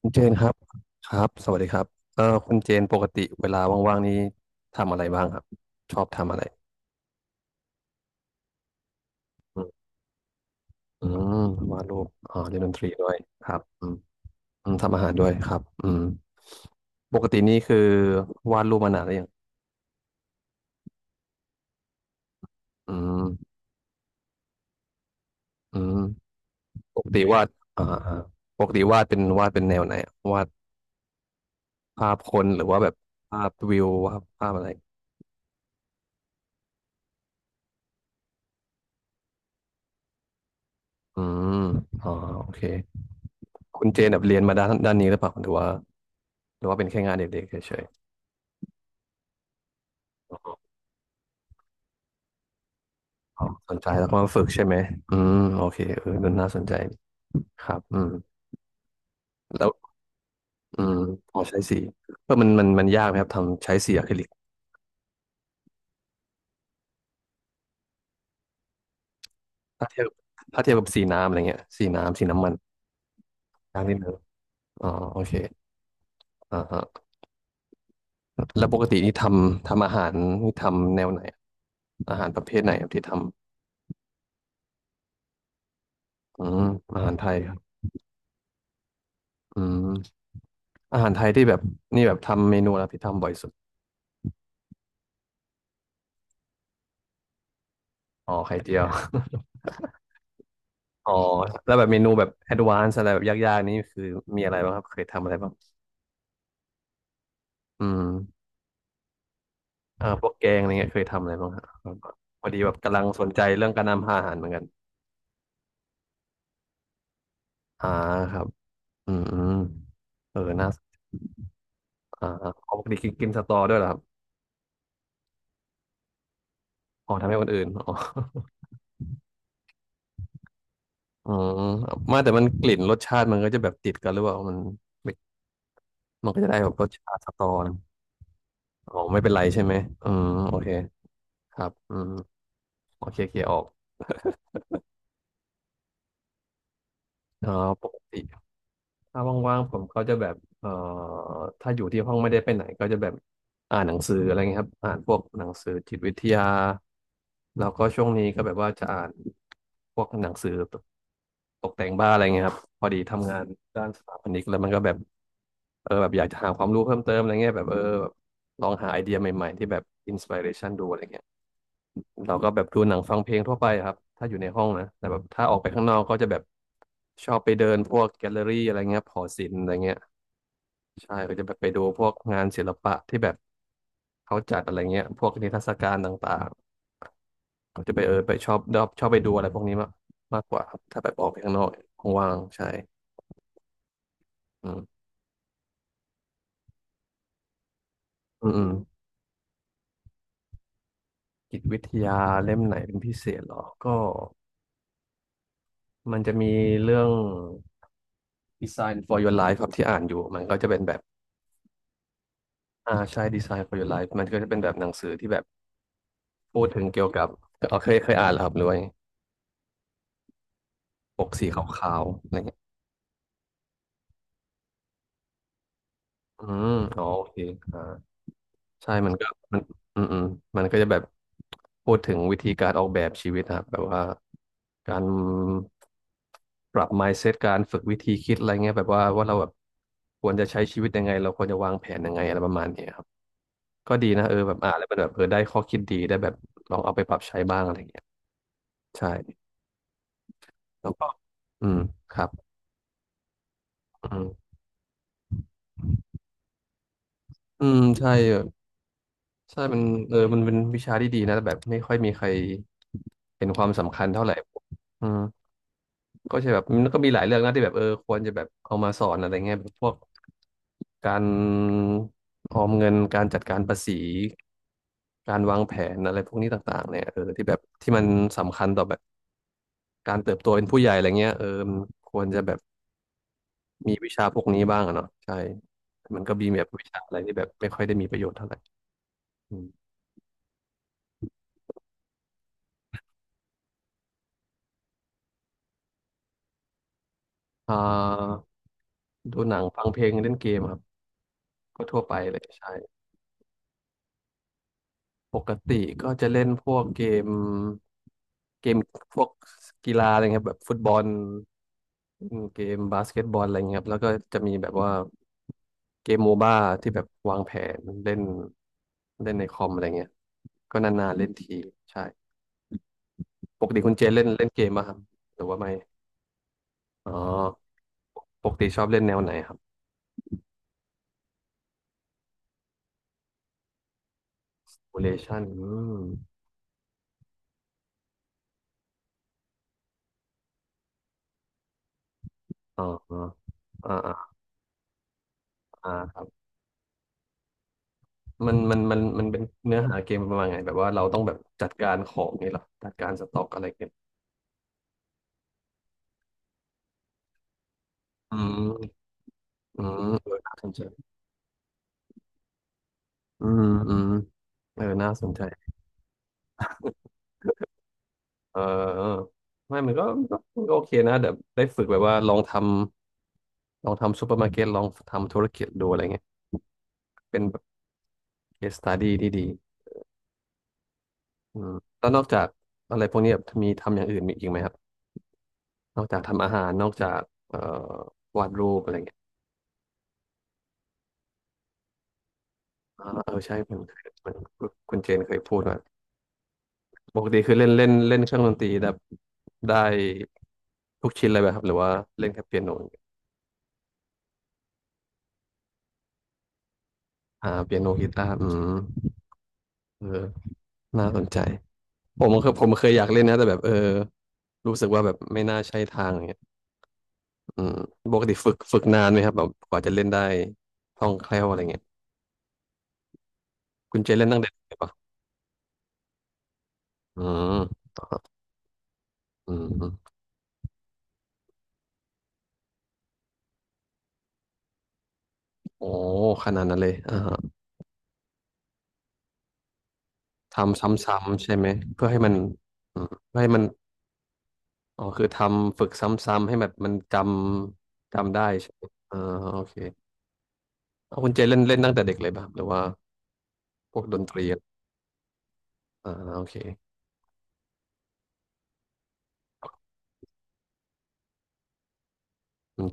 คุณเจนครับครับสวัสดีครับคุณเจนปกติเวลาว่างๆนี้ทำอะไรบ้างครับชอบทำอะไรอืมอืมวาดรูปอ๋อเล่นดนตรีด้วยครับอืมอืมทำอาหารด้วยครับอืมปกตินี่คือวาดรูปมานานหรือยังอืมอืมปกติวาดอ่าอ่าปกติวาดเป็นแนวไหนอะวาดภาพคนหรือว่าแบบภาพวิววาดภาพอะไรอืมอ๋อโอเคคุณเจนแบบเรียนมาด้านนี้หรือเปล่าหรือว่าเป็นแค่งานเด็กๆเฉย อ๋อสนใจแล้วก็มาฝึกใช่ไหมอืมโอเคเออน่าสนใจครับอืมแล้วอืมพอใช้สีเออมันยากไหมครับทำใช้สีอะคริลิกถ้าเทียบถ้าเทียบกับสีน้ำอะไรเงี้ยสีน้ำมันยากนิดนึงอ๋อโอเคอ่าฮะแล้วปกตินี่ทำอาหารนี่ทำแนวไหน อาหารประเภทไหนครับที่ทำอืมอาหารไทยครับอืมอาหารไทยที่แบบนี่แบบทำเมนูอะไรที่ทำบ่อยสุดอ๋อไข่เจียว อ๋อแล้วแบบเมนูแบบแอดวานซ์อะไรแบบยากๆนี่คือมีอะไรบ้างครับเคยทำอะไรบ้างอืมอ่าพวกแกงอะไรเงี้ยเคยทำอะไรบ้างครับพอดีแบบกำลังสนใจเรื่องการนำอาหารเหมือนกันอ่าครับอืมอืมเออน่าอ่าเอาปกติกินกินสตอด้วยเหรอครับอ๋อทำให้คนอื่นอ๋อ อืมไมาแต่มันกลิ่นรสชาติมันก็จะแบบติดกันหรือเปล่ามันไม่มันก็จะได้แบบรสชาติสตอนะอ๋อไม่เป็นไรใช่ไหมอืมโอเคครับอืมโอเคเคลียร์ออกอ๋อปกติ ถ้าว่างๆผมก็จะแบบถ้าอยู่ที่ห้องไม่ได้ไปไหนก็จะแบบอ่านหนังสืออะไรเงี้ยครับอ่านพวกหนังสือจิตวิทยาแล้วก็ช่วงนี้ก็แบบว่าจะอ่านพวกหนังสือตกแต่งบ้านอะไรเงี้ยครับพอดีทำงานด้านสถาปนิกแล้วมันก็แบบเออแบบอยากจะหาความรู้เพิ่มเติมอะไรเงี้ยแบบเออแบบลองหาไอเดียใหม่ๆที่แบบอินส i r เรชันดูอะไรเงี้ย เราก็แบบดูหนังฟังเพลงทั่วไปครับถ้าอยู่ในห้องนะแต่แบบถ้าออกไปข้างนอกก็จะแบบชอบไปเดินพวกแกลเลอรี่อะไรเงี้ยหอศิลป์อะไรเงี้ยใช่ก็จะแบบไปดูพวกงานศิลปะที่แบบเขาจัดอะไรเงี้ยพวกนิทรรศการต่างๆก็จะไปเออไปชอบไปดูอะไรพวกนี้มากมากกว่าครับถ้าแบบออกไปข้างนอกว่างๆใช่อืมอืมอืมจิตวิทยาเล่มไหนเป็นพิเศษเหรอก็มันจะมีเรื่อง Design for Your Life ครับที่อ่านอยู่มันก็จะเป็นแบบ อ่าใช่ Design for Your Life มันก็จะเป็นแบบหนังสือที่แบบพูดถึงเกี่ยวกับเอาเคยอ่านแล้วครับด้วยปกสีขาวๆอะไรเงี้ยอืมอ๋อโอเคอ่าใช่มันก็มันอืมอืมมันก็จะแบบพูดถึงวิธีการออกแบบชีวิตนะครับแบบว่าการปรับ mindset การฝึกวิธีคิดอะไรเงี้ยแบบว่าเราแบบควรจะใช้ชีวิตยังไงเราควรจะวางแผนยังไงอะไรประมาณนี้ครับก็ดีนะเออแบบอ่านแล้วมันแบบเออได้ข้อคิดดีได้แบบลองเอาไปปรับใช้บ้างอะไรเงี้ยใช่ แล้วก็อืมครับอืมอืมใช่แบบใช่มันเออมันเป็นวิชาที่ดีนะแต่แบบไม่ค่อยมีใครเห็นความสำคัญเท่าไหร่อืมก็ใช่แบบมันก็มีหลายเรื่องนะที่แบบเออควรจะแบบเอามาสอนอะไรเงี้ยแบบพวกการออมเงินการจัดการภาษีการวางแผนอะไรพวกนี้ต่างๆเนี่ยเออที่แบบที่มันสำคัญต่อแบบการเติบโตเป็นผู้ใหญ่อะไรเงี้ยเออมันควรจะแบบมีวิชาพวกนี้บ้างอะเนาะใช่มันก็มีแบบวิชาอะไรที่แบบไม่ค่อยได้มีประโยชน์เท่าไหร่ อืมอ่าดูหนังฟังเพลงเล่นเกมครับก็ทั่วไปเลยใช่ปกติก็จะเล่นพวกเกมเกมพวกกีฬาอะไรเงี้ยครับแบบฟุตบอลอืมเกมบาสเกตบอลอะไรเงี้ยครับแล้วก็จะมีแบบว่าเกมโมบ้าที่แบบวางแผนเล่นเล่นในคอมอะไรเงี้ยก็นานๆเล่นทีใช่ปกติคุณเจนเล่นเล่นเกมป่ะครับหรือว่าไม่อ๋อปกติชอบเล่นแนวไหนครับ Simulation อืมอ๋ออ๋ออ่า อ่าครับมันมันเป็นเนื้อหาเกมประมาณไง แบบว่าเราต้องแบบจัดการของนี่เหรอจัดการสต็อกอะไรเงี้ยอืมอืมเออน่าสนใจอืมอืมเออน่าสนใจเออเออไม่มันก็โอเคนะเดี๋ยวได้ฝึกแบบว่าลองทำลองทำซูเปอร์มาร์เก็ตลองทำธุรกิจดูอะไรเงี้ยเป็นแบบ case study ที่ดีอืมแล้วนอกจากอะไรพวกนี้แบบมีทำอย่างอื่นมีอีกไหมครับ นอกจากทำอาหาร นอกจากเอ่อวาดรูปอะไรเงี้ยอ่าเออใช่ผมันคุณเจนเคยพูดว่า ปกติคือเล่นเล่นเล่นเครื่องดนตรีแบบได้ทุกชิ้นเลยไหมครับหรือว่าเล่นแค่เปียโนอย่างเดียวอ่าเปียโนกีตาร์อืมเออน่าสนใจผมเคยอยากเล่นนะแต่แบบเออรู้สึกว่าแบบไม่น่าใช่ทางอย่างเงี้ยอืมปกติฝึกนานไหมครับแบบกว่าจะเล่นได้คล่องแคล่วอะไรเงี้ยคุณเจเล่นตั้งแต่เด็กเลยปะอืมอืมโอ้ขนาดนั้นเลยอ่าฮะทำซ้ำๆใช่ไหมเพื่อให้มันอืมเพื่อให้มัน อ๋อคือทำฝึกซ้ำๆให้แบบมันจำได้ใช่ไหมอ่าโอเคเอาคุณเจเล่นเล่นตั้งแต่เด็กเลยป่ะหรือว่าพวกดนตรีอะอ่าโอเคมั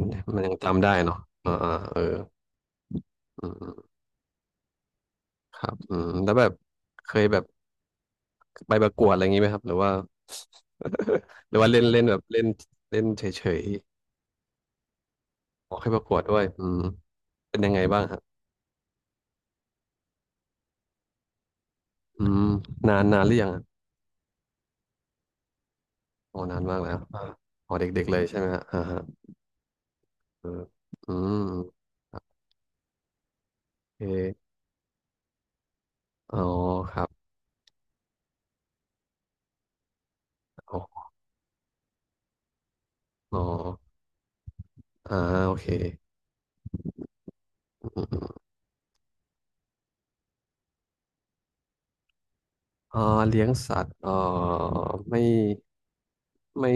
นมันมันยังจำได้เนาะอ่าอ่าเอออืมอืมครับอืมแล้วแบบเคยแบบไปประกวดอะไรอย่างงี้ไหมครับหรือว่า หรือว่าเล่นเล่นแบบเล่นเล่นเฉยๆออกให้ประกวดด้วยอืมเป็นยังไงบ้างครับอืมนานนานหรือยังอะอ๋อนานมากแล้วอ่าอ๋อเด็กๆเลยใช่ไหมฮะอ่าฮะเอออืม เคอ๋อครับอ๋ออ๋ออ่าโอเคอืมอืมอ่าเลี้ยงสัตว์ไม่ไม่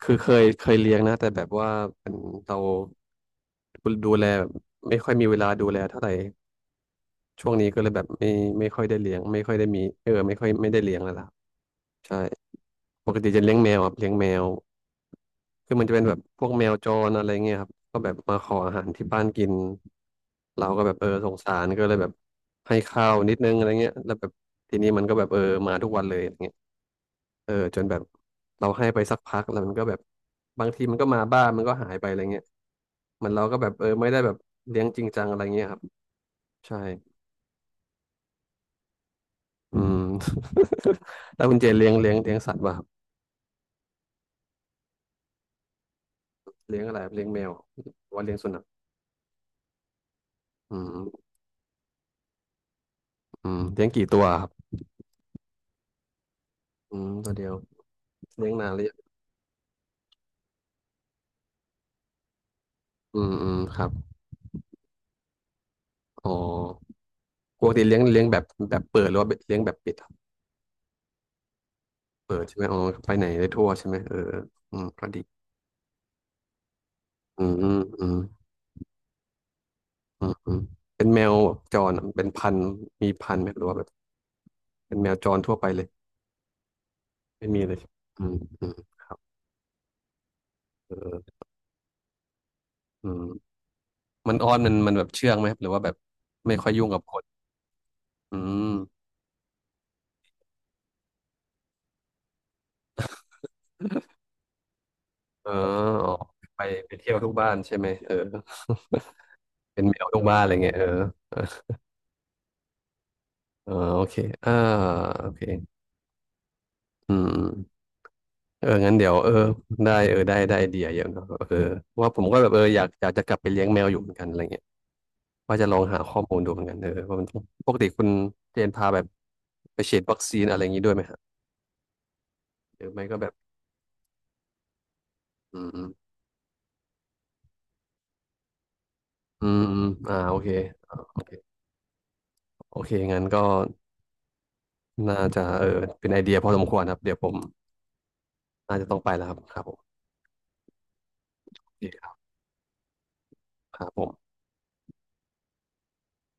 คือเคยเลี้ยงนะแต่แบบว่าเป็นเราดูแลแบบไม่ค่อยมีเวลาดูแลเท่าไหร่ช่วงนี้ก็เลยแบบไม่ค่อยได้เลี้ยงไม่ค่อยได้มีไม่ค่อยไม่ได้เลี้ยงแล้วล่ะใช่ปกติจะเลี้ยงแมวครับเลี้ยงแมว คือมันจะเป็นแบบพวกแมวจรอะไรเงี้ยครับก็แบบมาขออาหารที่บ้านกินเราก็แบบสงสารก็เลยแบบให้ข้าวนิดนึงอะไรเงี้ยแล้วแบบทีนี้มันก็แบบมาทุกวันเลยอย่างเงี้ยจนแบบเราให้ไปสักพักแล้วมันก็แบบบางทีมันก็มาบ้านมันก็หายไปอะไรเงี้ยเหมันเราก็แบบไม่ได้แบบเลี้ยงจริงจังอะไรเงี้ยครับใช่อืม แล้วคุณเจเลี้ยงสัตว์ป่ะครับเลี้ยงอะไรครับเลี้ยงแมวหรือว่าเลี้ยงสุนัขอืมอืมเลี้ยงกี่ตัวครับอืมตัวเดียวเลี้ยงนานหรือยัง อืมอืมครับอ๋อปกติเลี้ยงแบบแบบเปิดหรือว่าเลี้ยงแบบปิดครับเปิดใช่ไหมอ๋อไปไหนได้ทั่วใช่ไหมเออเอออืมก็ดีอืมอืมอืมอืมอืมเป็นแมวแบบจรอะเป็นพันธุ์มีพันธุ์ไหมหรือว่าแบบเป็นแมวจรทั่วไปเลยไม่มีเลยอืมอืมครับเอออืมมันอ้อนมันแบบเชื่องไหมครับหรือว่าแบบไม่ค่อยยุ่งกับคนอืมเอออ๋อไปไปเที่ยวทุกบ้านใช่ไหมเออ เป็นแมวทุกบ้านอะไรเงี้ยเออเออโอเคอ่าโอเค อืมเอองั้นเดี๋ยวได้ได้ไอเดียเยอะเนอะเออว่าผมก็แบบเอออยากจะกลับไปเลี้ยงแมวอยู่เหมือนกันอะไรเงี้ยว่าจะลองหาข้อมูลดูเหมือนกันว่ามันต้องปกติคุณเจนพาแบบไปฉีดวัคซีนอะไรอย่างนี้ด้วยไหมฮะหรือไม่ก็แบบอืมอืมอืมอ่าโอเคโอเคงั้นก็น่าจะเป็นไอเดียพอสมควรครับเดี๋ยวผมน่าจะต้องไปแล้วครับครับผมโอเคครับครับผม